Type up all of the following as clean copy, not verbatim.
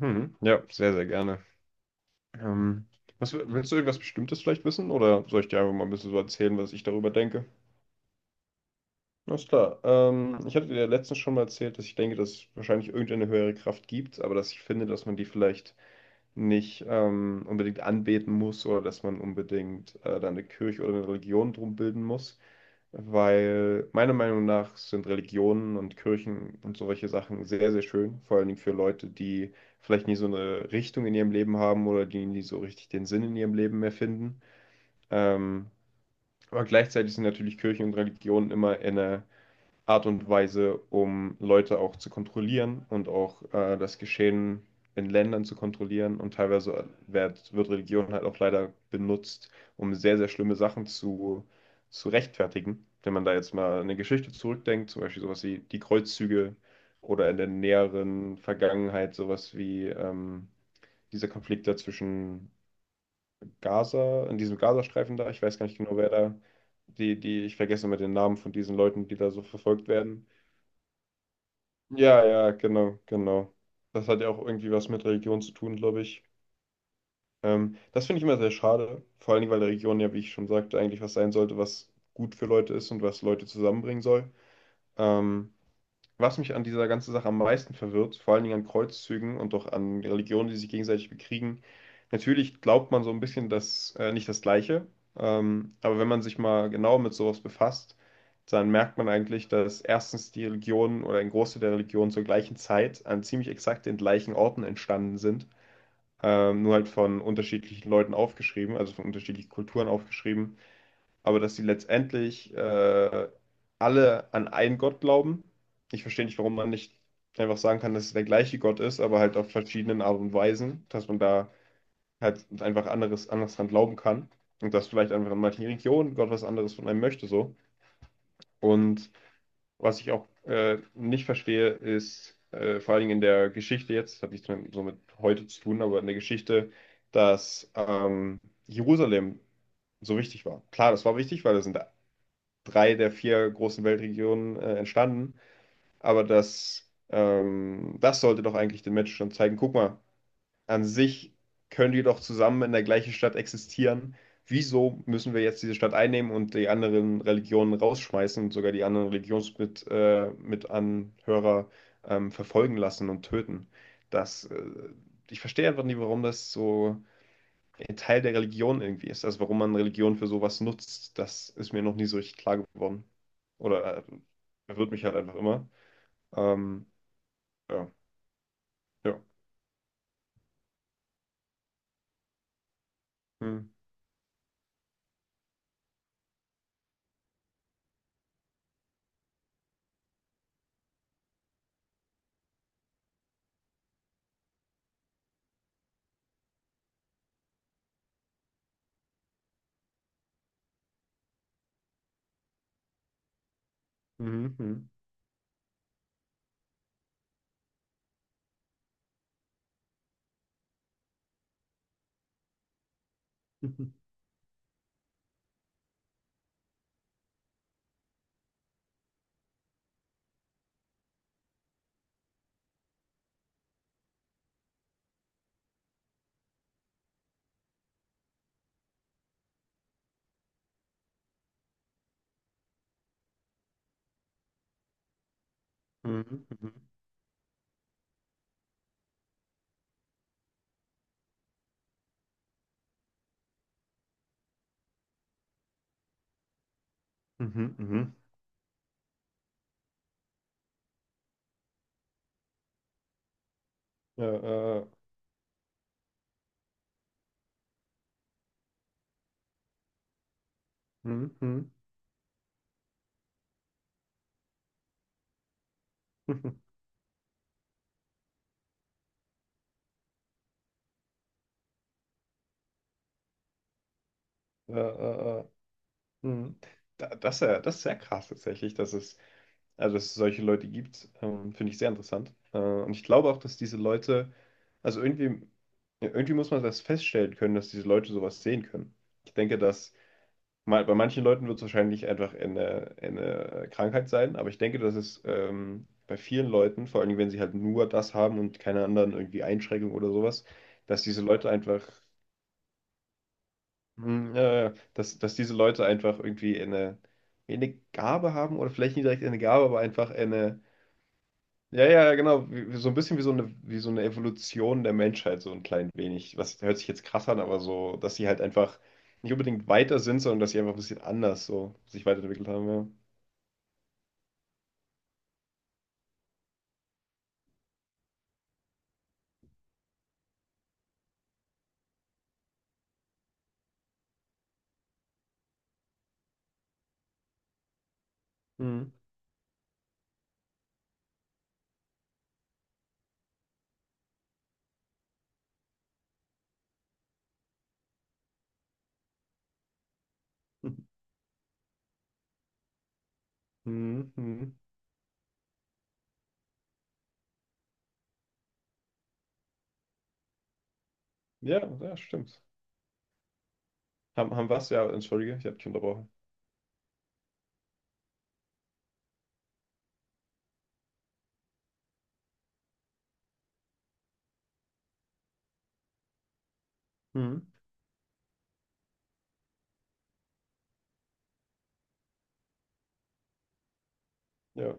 Mhm. Ja, sehr, sehr gerne. Ähm, Willst du irgendwas Bestimmtes vielleicht wissen oder soll ich dir einfach mal ein bisschen so erzählen, was ich darüber denke? Alles klar. Ich hatte dir ja letztens schon mal erzählt, dass ich denke, dass es wahrscheinlich irgendeine höhere Kraft gibt, aber dass ich finde, dass man die vielleicht nicht unbedingt anbeten muss oder dass man unbedingt da eine Kirche oder eine Religion drum bilden muss, weil meiner Meinung nach sind Religionen und Kirchen und solche Sachen sehr, sehr schön, vor allen Dingen für Leute, die vielleicht nie so eine Richtung in ihrem Leben haben oder die nie so richtig den Sinn in ihrem Leben mehr finden. Ähm, aber gleichzeitig sind natürlich Kirchen und Religionen immer in einer Art und Weise, um Leute auch zu kontrollieren und auch das Geschehen in Ländern zu kontrollieren. Und teilweise wird Religion halt auch leider benutzt, um sehr, sehr schlimme Sachen zu rechtfertigen. Wenn man da jetzt mal eine Geschichte zurückdenkt, zum Beispiel sowas wie die Kreuzzüge oder in der näheren Vergangenheit sowas wie dieser Konflikt da zwischen Gaza, in diesem Gazastreifen da, ich weiß gar nicht genau, wer da, ich vergesse immer den Namen von diesen Leuten, die da so verfolgt werden. Ja, ja, genau, genau. Das hat ja auch irgendwie was mit Religion zu tun, glaube ich. Das finde ich immer sehr schade, vor allen Dingen, weil Religion ja, wie ich schon sagte, eigentlich was sein sollte, was gut für Leute ist und was Leute zusammenbringen soll. Ähm, Was mich an dieser ganzen Sache am meisten verwirrt, vor allen Dingen an Kreuzzügen und auch an Religionen, die sich gegenseitig bekriegen, natürlich glaubt man so ein bisschen nicht das Gleiche, aber wenn man sich mal genau mit sowas befasst, dann merkt man eigentlich, dass erstens die Religionen oder ein Großteil der Religionen zur gleichen Zeit an ziemlich exakt den gleichen Orten entstanden sind, nur halt von unterschiedlichen Leuten aufgeschrieben, also von unterschiedlichen Kulturen aufgeschrieben, aber dass sie letztendlich alle an einen Gott glauben. Ich verstehe nicht, warum man nicht einfach sagen kann, dass es der gleiche Gott ist, aber halt auf verschiedenen Art und Weisen, dass man da halt einfach anders dran glauben kann und dass vielleicht einfach in manchen Religionen Gott was anderes von einem möchte so. Und was ich auch nicht verstehe, ist vor allen Dingen in der Geschichte jetzt, das hat nichts mehr so mit heute zu tun, aber in der Geschichte, dass Jerusalem so wichtig war. Klar, das war wichtig, weil da sind drei der vier großen Weltregionen entstanden. Aber das sollte doch eigentlich den Menschen schon zeigen. Guck mal, an sich können die doch zusammen in der gleichen Stadt existieren. Wieso müssen wir jetzt diese Stadt einnehmen und die anderen Religionen rausschmeißen und sogar die anderen Religionsmitanhörer Mitanhörer, verfolgen lassen und töten? Das, äh, Ich verstehe einfach nicht, warum das so ein Teil der Religion irgendwie ist. Also warum man Religion für sowas nutzt, das ist mir noch nie so richtig klar geworden. Oder verwirrt mich halt einfach immer. Ähm, ja, ja. Hm. Mhm, mhm. Mhm, mhm, mhm, mhm. Ja, mhm, mhm. Ja, äh, äh, mhm. Das ist ja, das ist sehr krass tatsächlich, dass es also, dass es solche Leute gibt, finde ich sehr interessant. Und ich glaube auch, dass diese Leute, also irgendwie, ja, irgendwie muss man das feststellen können, dass diese Leute sowas sehen können. Ich denke, dass mal, bei manchen Leuten wird es wahrscheinlich einfach eine Krankheit sein, aber ich denke, dass es bei vielen Leuten, vor allem wenn sie halt nur das haben und keine anderen irgendwie Einschränkungen oder sowas, dass diese Leute einfach, hm, ja, ja, ja, dass diese Leute einfach irgendwie eine, Gabe haben oder vielleicht nicht direkt eine Gabe, aber einfach eine. Ja, ja, genau. So ein bisschen wie so eine Evolution der Menschheit, so ein klein wenig. Was hört sich jetzt krass an, aber so, dass sie halt einfach nicht unbedingt weiter sind, sondern dass sie einfach ein bisschen anders so sich weiterentwickelt haben, ja. Hm. Hm, hm. Ja, ja, stimmt. Haben was? Ja, entschuldige, ich habe dich unterbrochen. Hm. Ja.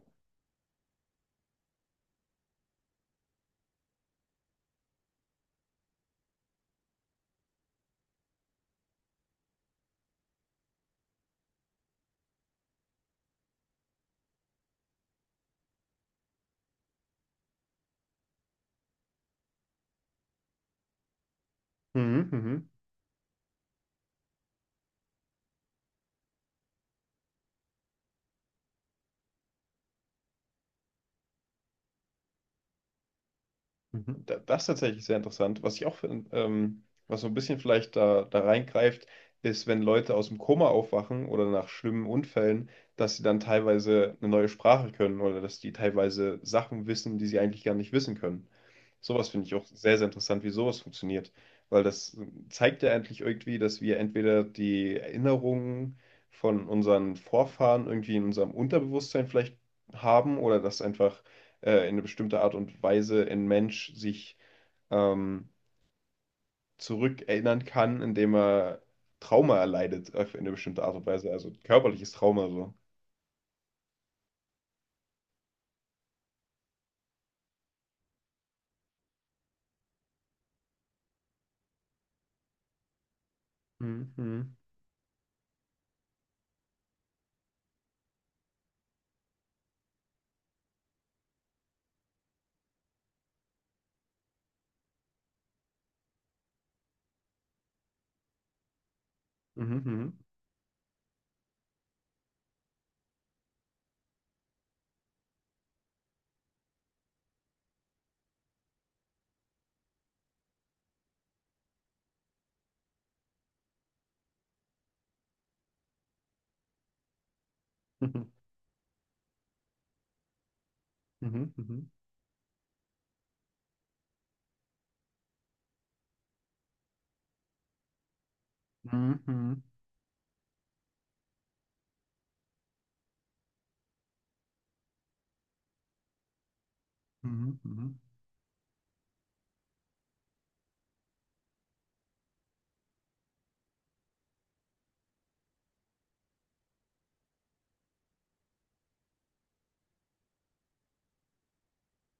Hm, hm. Mhm. Das ist tatsächlich sehr interessant. Was ich auch finde, was so ein bisschen vielleicht da reingreift, ist, wenn Leute aus dem Koma aufwachen oder nach schlimmen Unfällen, dass sie dann teilweise eine neue Sprache können oder dass die teilweise Sachen wissen, die sie eigentlich gar nicht wissen können. Sowas finde ich auch sehr, sehr interessant, wie sowas funktioniert. Weil das zeigt ja eigentlich irgendwie, dass wir entweder die Erinnerungen von unseren Vorfahren irgendwie in unserem Unterbewusstsein vielleicht haben oder dass einfach in eine bestimmte Art und Weise ein Mensch sich ähm, zurückerinnern kann, indem er Trauma erleidet, in eine bestimmte Art und Weise, also körperliches Trauma so. Mhm, mhm, mhm, mhm, mhm, mhm, mhm, mhm, mhm,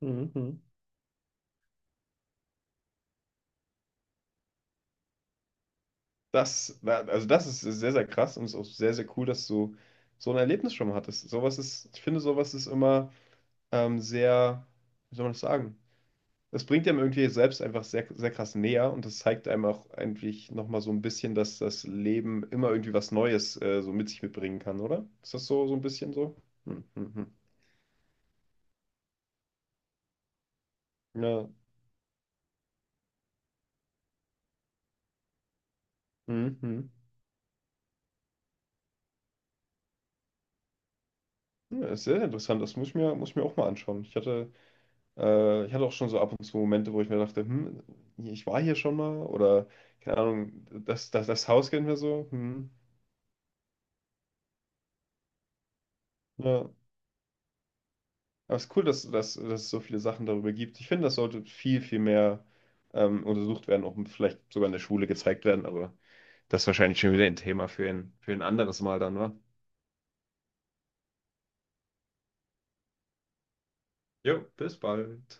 mhm, mhm. Das, war Also das ist sehr, sehr krass und ist auch sehr, sehr cool, dass du so ein Erlebnis schon mal hattest. Ich finde, sowas ist immer sehr, wie soll man das sagen? Das bringt einem irgendwie selbst einfach sehr, sehr krass näher und das zeigt einem auch eigentlich nochmal so ein bisschen, dass das Leben immer irgendwie was Neues so mit sich mitbringen kann, oder? Ist das so, so ein bisschen so? Hm, hm, hm. Ja, hm, hm. Ja, ist sehr interessant. Das muss ich mir auch mal anschauen. Ich hatte auch schon so ab und zu Momente, wo ich mir dachte, ich war hier schon mal oder keine Ahnung, das Haus kennen wir so. Hm, ja. Aber es ist cool, dass es so viele Sachen darüber gibt. Ich finde, das sollte viel, viel mehr untersucht werden, auch vielleicht sogar in der Schule gezeigt werden, aber das ist wahrscheinlich schon wieder ein Thema für ein anderes Mal dann, wa? Jo, bis bald.